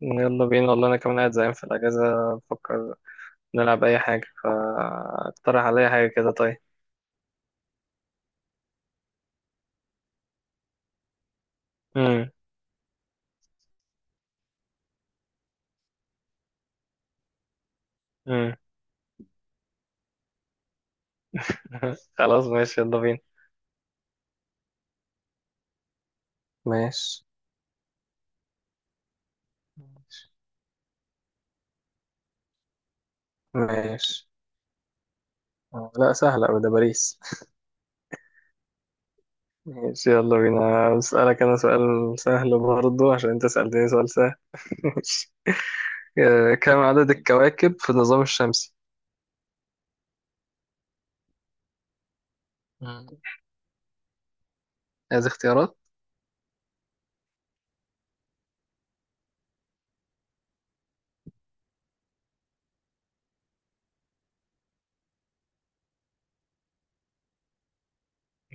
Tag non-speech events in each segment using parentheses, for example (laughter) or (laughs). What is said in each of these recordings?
يلا بينا، والله انا كمان قاعد زهقان في الاجازه، بفكر نلعب اي حاجه، فاقترح عليا حاجه كده. طيب. امم امم (laughs) خلاص ماشي يلا بينا. ماشي ماشي. لا، سهله أوي، ده باريس. (laughs) ماشي يلا بينا، اسالك انا سؤال سهل برضه عشان انت سالتني سؤال سهل. (laughs) ماشي. كم عدد الكواكب في النظام الشمسي؟ مم. عايز اختيارات.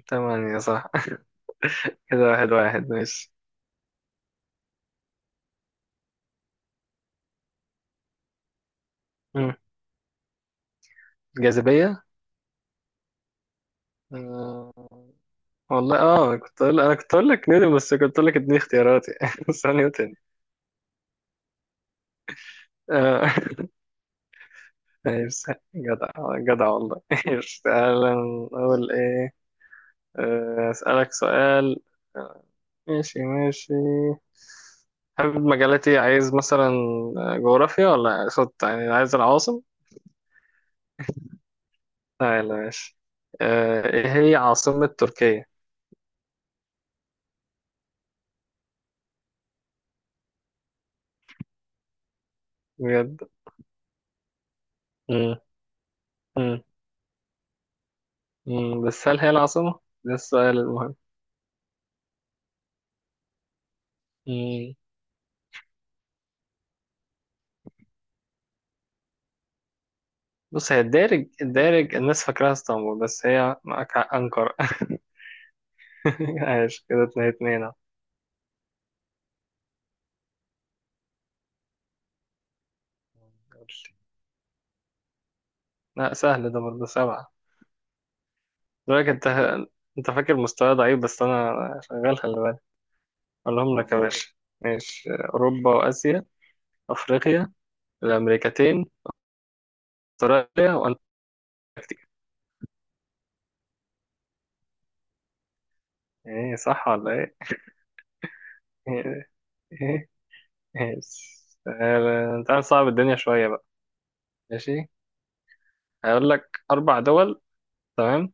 تمام، يا صح. (laughs) كده واحد واحد ماشي. مم. الجاذبيه. والله اه كنت أقول، انا كنت اقول لك نيوتن، بس كنت اقول لك اديني اختياراتي، (laughs) بس هو نيوتن. آه، (laughs) ماشي جدع، جدع والله. (laughs) ماشي، تعالى نقول ايه. اسالك سؤال. آه، ماشي ماشي. حابب مجالاتي، عايز مثلا جغرافيا، ولا اقصد يعني عايز العواصم. تعالى ماشي. ايه هي عاصمة تركيا؟ بجد؟ مم. مم. مم، بس هل هي العاصمة ده السؤال المهم. بص هي الدارج الناس فاكراها اسطنبول، بس هي معاك حق أنقرة. (laughs) عايش كده، اتنين اتنين أهو. لا سهل ده برضه، سبعة. دلوقتي انت، انت فاكر مستوى ضعيف بس انا شغال، خلي بالك. اقولهم لك يا باشا. ماشي، اوروبا، واسيا، افريقيا، الامريكتين، استراليا، وانتاركتيكا. ايه صح ولا ايه؟ ايه، ايه، ايه. تعال نصعب الدنيا شوية بقى. ماشي. هقول لك اربع دول. تمام.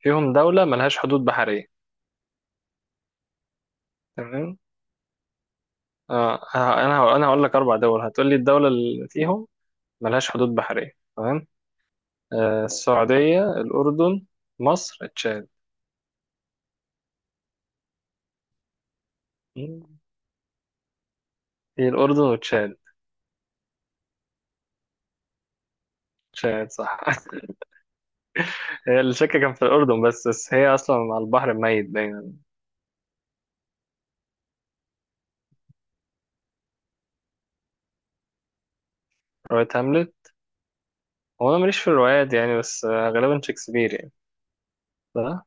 فيهم دولة ملهاش حدود بحرية. تمام. انا هقول لك اربع دول، هتقول لي الدوله اللي فيهم ملهاش حدود بحريه، تمام. السعوديه، الاردن، مصر، تشاد. مم. هي الاردن وتشاد. تشاد صح. (laughs) هي الشك كان في الاردن، بس هي اصلا على البحر الميت دايما. روايه هاملت؟ هو انا ماليش في الروايات يعني، بس غالبا شكسبير يعني. صح؟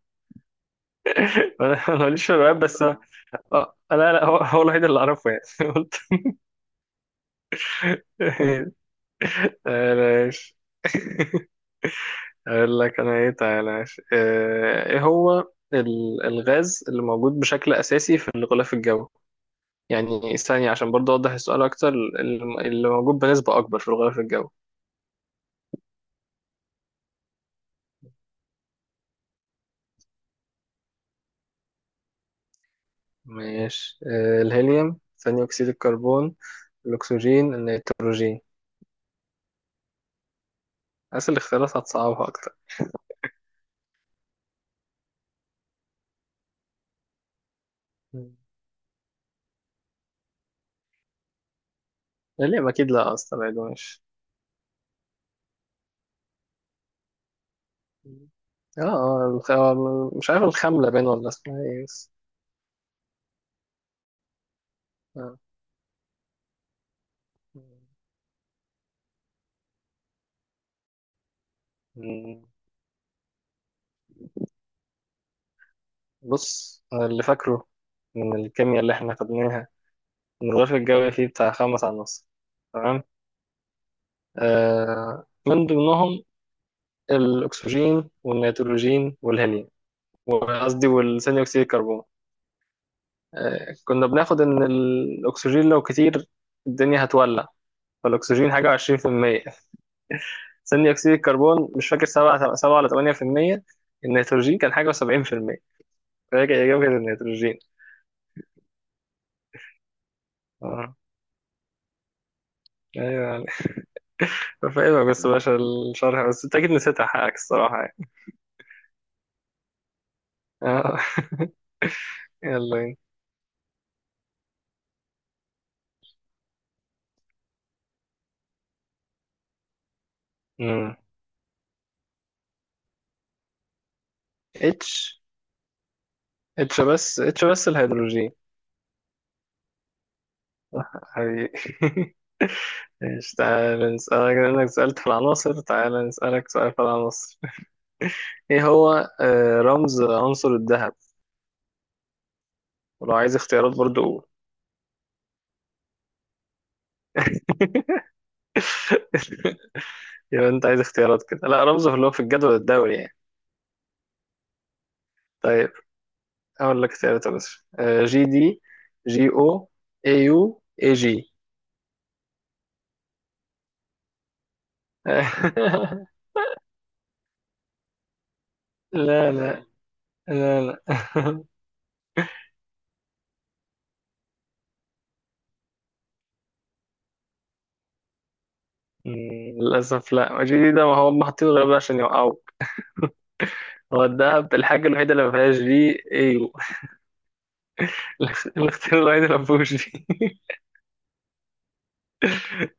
(laughs) انا ماليش في الروايات، بس لا لا، هو الوحيد اللي اعرفه يعني. (laughs) قلت آه، ماشي. (laughs) اقول لك انا ايه، تعالى ماشي. ايه هو الغاز اللي موجود بشكل اساسي في الغلاف الجوي، يعني ثانية عشان برضه اوضح السؤال اكتر، اللي موجود بنسبة اكبر في الغلاف الجوي. ماشي. الهيليوم، ثاني اكسيد الكربون، الاكسجين، النيتروجين. اسأل الاختيارات هتصعبها اكتر. مم. الهيليوم اكيد لا، اصلا بعيد، ماشي. مم. اه مش عارف الخاملة باين ولا اسمها ايه بس. آه. مم. بص أنا اللي فاكره من الكيمياء اللي احنا خدناها، ان الغلاف الجوي فيه بتاع خمس عناصر، تمام، من ضمنهم الاكسجين والنيتروجين والهيليوم، وقصدي والثاني اكسيد الكربون. كنا بناخد ان الاكسجين لو كتير الدنيا هتولع، فالاكسجين حاجه 20%، ثاني اكسيد الكربون مش فاكر 7 7 ولا 8%، النيتروجين كان حاجه 70%، فهي اجابه النيتروجين. اه، ايوه، فاهمك بس باشا الشرح، بس انت اكيد نسيتها حقك الصراحة يعني. آه، (laughs) يلا بينا. مم. اتش. اتش بس الهيدروجين. حبيبي. (laughs) ماشي تعالى نسألك، لأنك سألت في العناصر تعالى نسألك سؤال في العناصر. (laughs) ايه هو رمز عنصر الذهب؟ ولو عايز اختيارات برضو قول. (laughs) يبقى انت عايز اختيارات كده، لا رمزه اللي هو في الجدول الدوري يعني. طيب. اقول لك اختيارات يا باشا. جي دي، جي او، اي يو، اي جي. (laughs) لا لا، لا لا. (laughs) مم، للأسف لا، ما جي ده، ما هو هم حاطينه غير بقى عشان يوقعوك. هو الدهب الحاجة الوحيدة اللي ما فيهاش دي، ايوه. (laughs) الاختيار الوحيد اللي ما فيهوش دي. (laughs)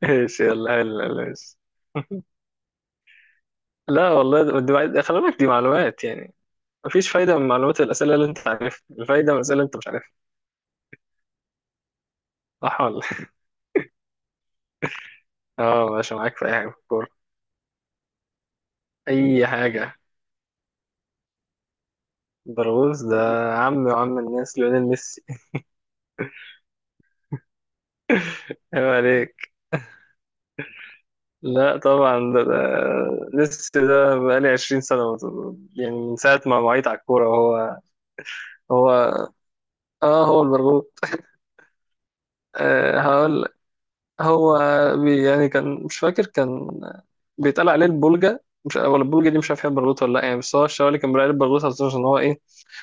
ايش، يلا يلا ماشي. لا والله دي معلومات، خلي بالك دي معلومات يعني. مفيش فايدة من معلومات الأسئلة اللي أنت عارفها، الفايدة من الأسئلة اللي أنت مش عارفها. صح ولا؟ (laughs) اه ماشي، معاك في أي حاجة في الكورة. أي حاجة. برغوث ده، عم وعم الناس، ليونيل ميسي. (laughs) ايوه. لا طبعا، ده ميسي ده بقالي 20 سنة يعني من ساعة ما وعيت على الكورة هو. هو اه هو المرغوب. آه هقول لك. هو بي يعني كان مش فاكر، كان بيتقال عليه البولجا، مش ولا البولجا دي مش عارف هي برغوت ولا لا يعني، بس هو الشوالي اللي كان بيقال عليه البرغوت عشان هو ايه،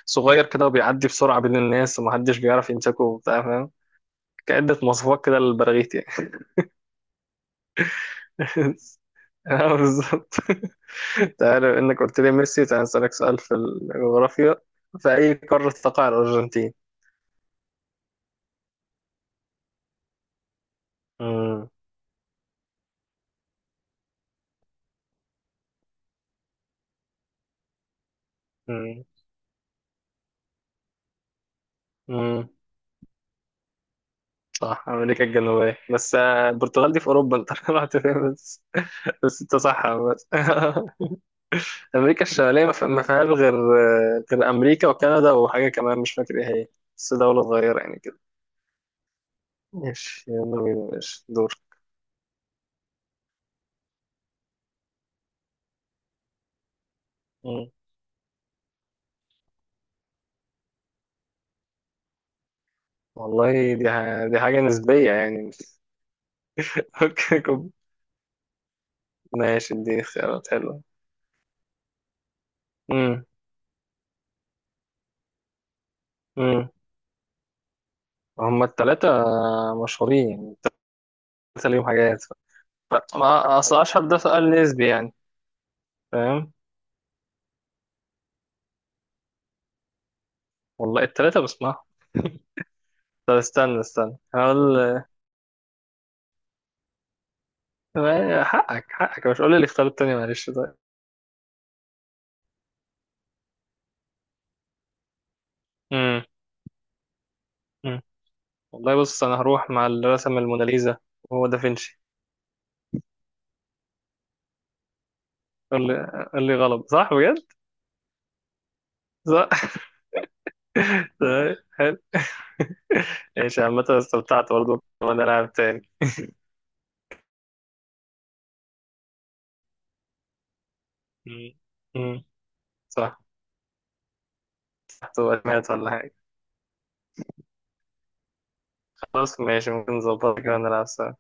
صغير كده وبيعدي بسرعة بين الناس ومحدش بيعرف يمسكه وبتاع، فاهم. كعدة مواصفات كده للبراغيث يعني. (laughs) بالظبط. تعالى، انك قلت لي ميسي تعالى نسألك سؤال في الجغرافيا. في أي قارة تقع الأرجنتين؟ مم. مم. مم. صح، أمريكا الجنوبية، بس البرتغال دي في أوروبا أنت. (laughs) رحت فين بس. بس أنت صح بس. (laughs) أمريكا الشمالية ما فيهاش غير غير أمريكا وكندا وحاجة كمان مش فاكر إيه هي، بس دولة صغيرة يعني كده. ماشي يلا بينا، ماشي دور. مم. والله دي دي حاجة نسبية يعني. (laughs) ممكن يكون. ماشي دي اختيارات حلوة. مم. امم. هما التلاتة مشهورين يعني. التلاتة ليهم حاجات، ما أصل أشهر ده سؤال نسبي يعني. فاهم. والله التلاتة بسمعهم. طب استنى استنى هقول. حقك حقك، مش قول لي الاختيار التاني، معلش طيب. امم. أمم. والله بص أنا هروح مع اللي رسم الموناليزا، وهو دافنشي. قول لي قول لي غلط، صح بجد؟ صح. (laughs) طيب، حلو. ايش، عامة استمتعت برضه وأنا لاعب تاني. امم. أمم. صح. تحت ولا حاجة. خلاص ماشي، ممكن نظبطها كده ونلعب سوا.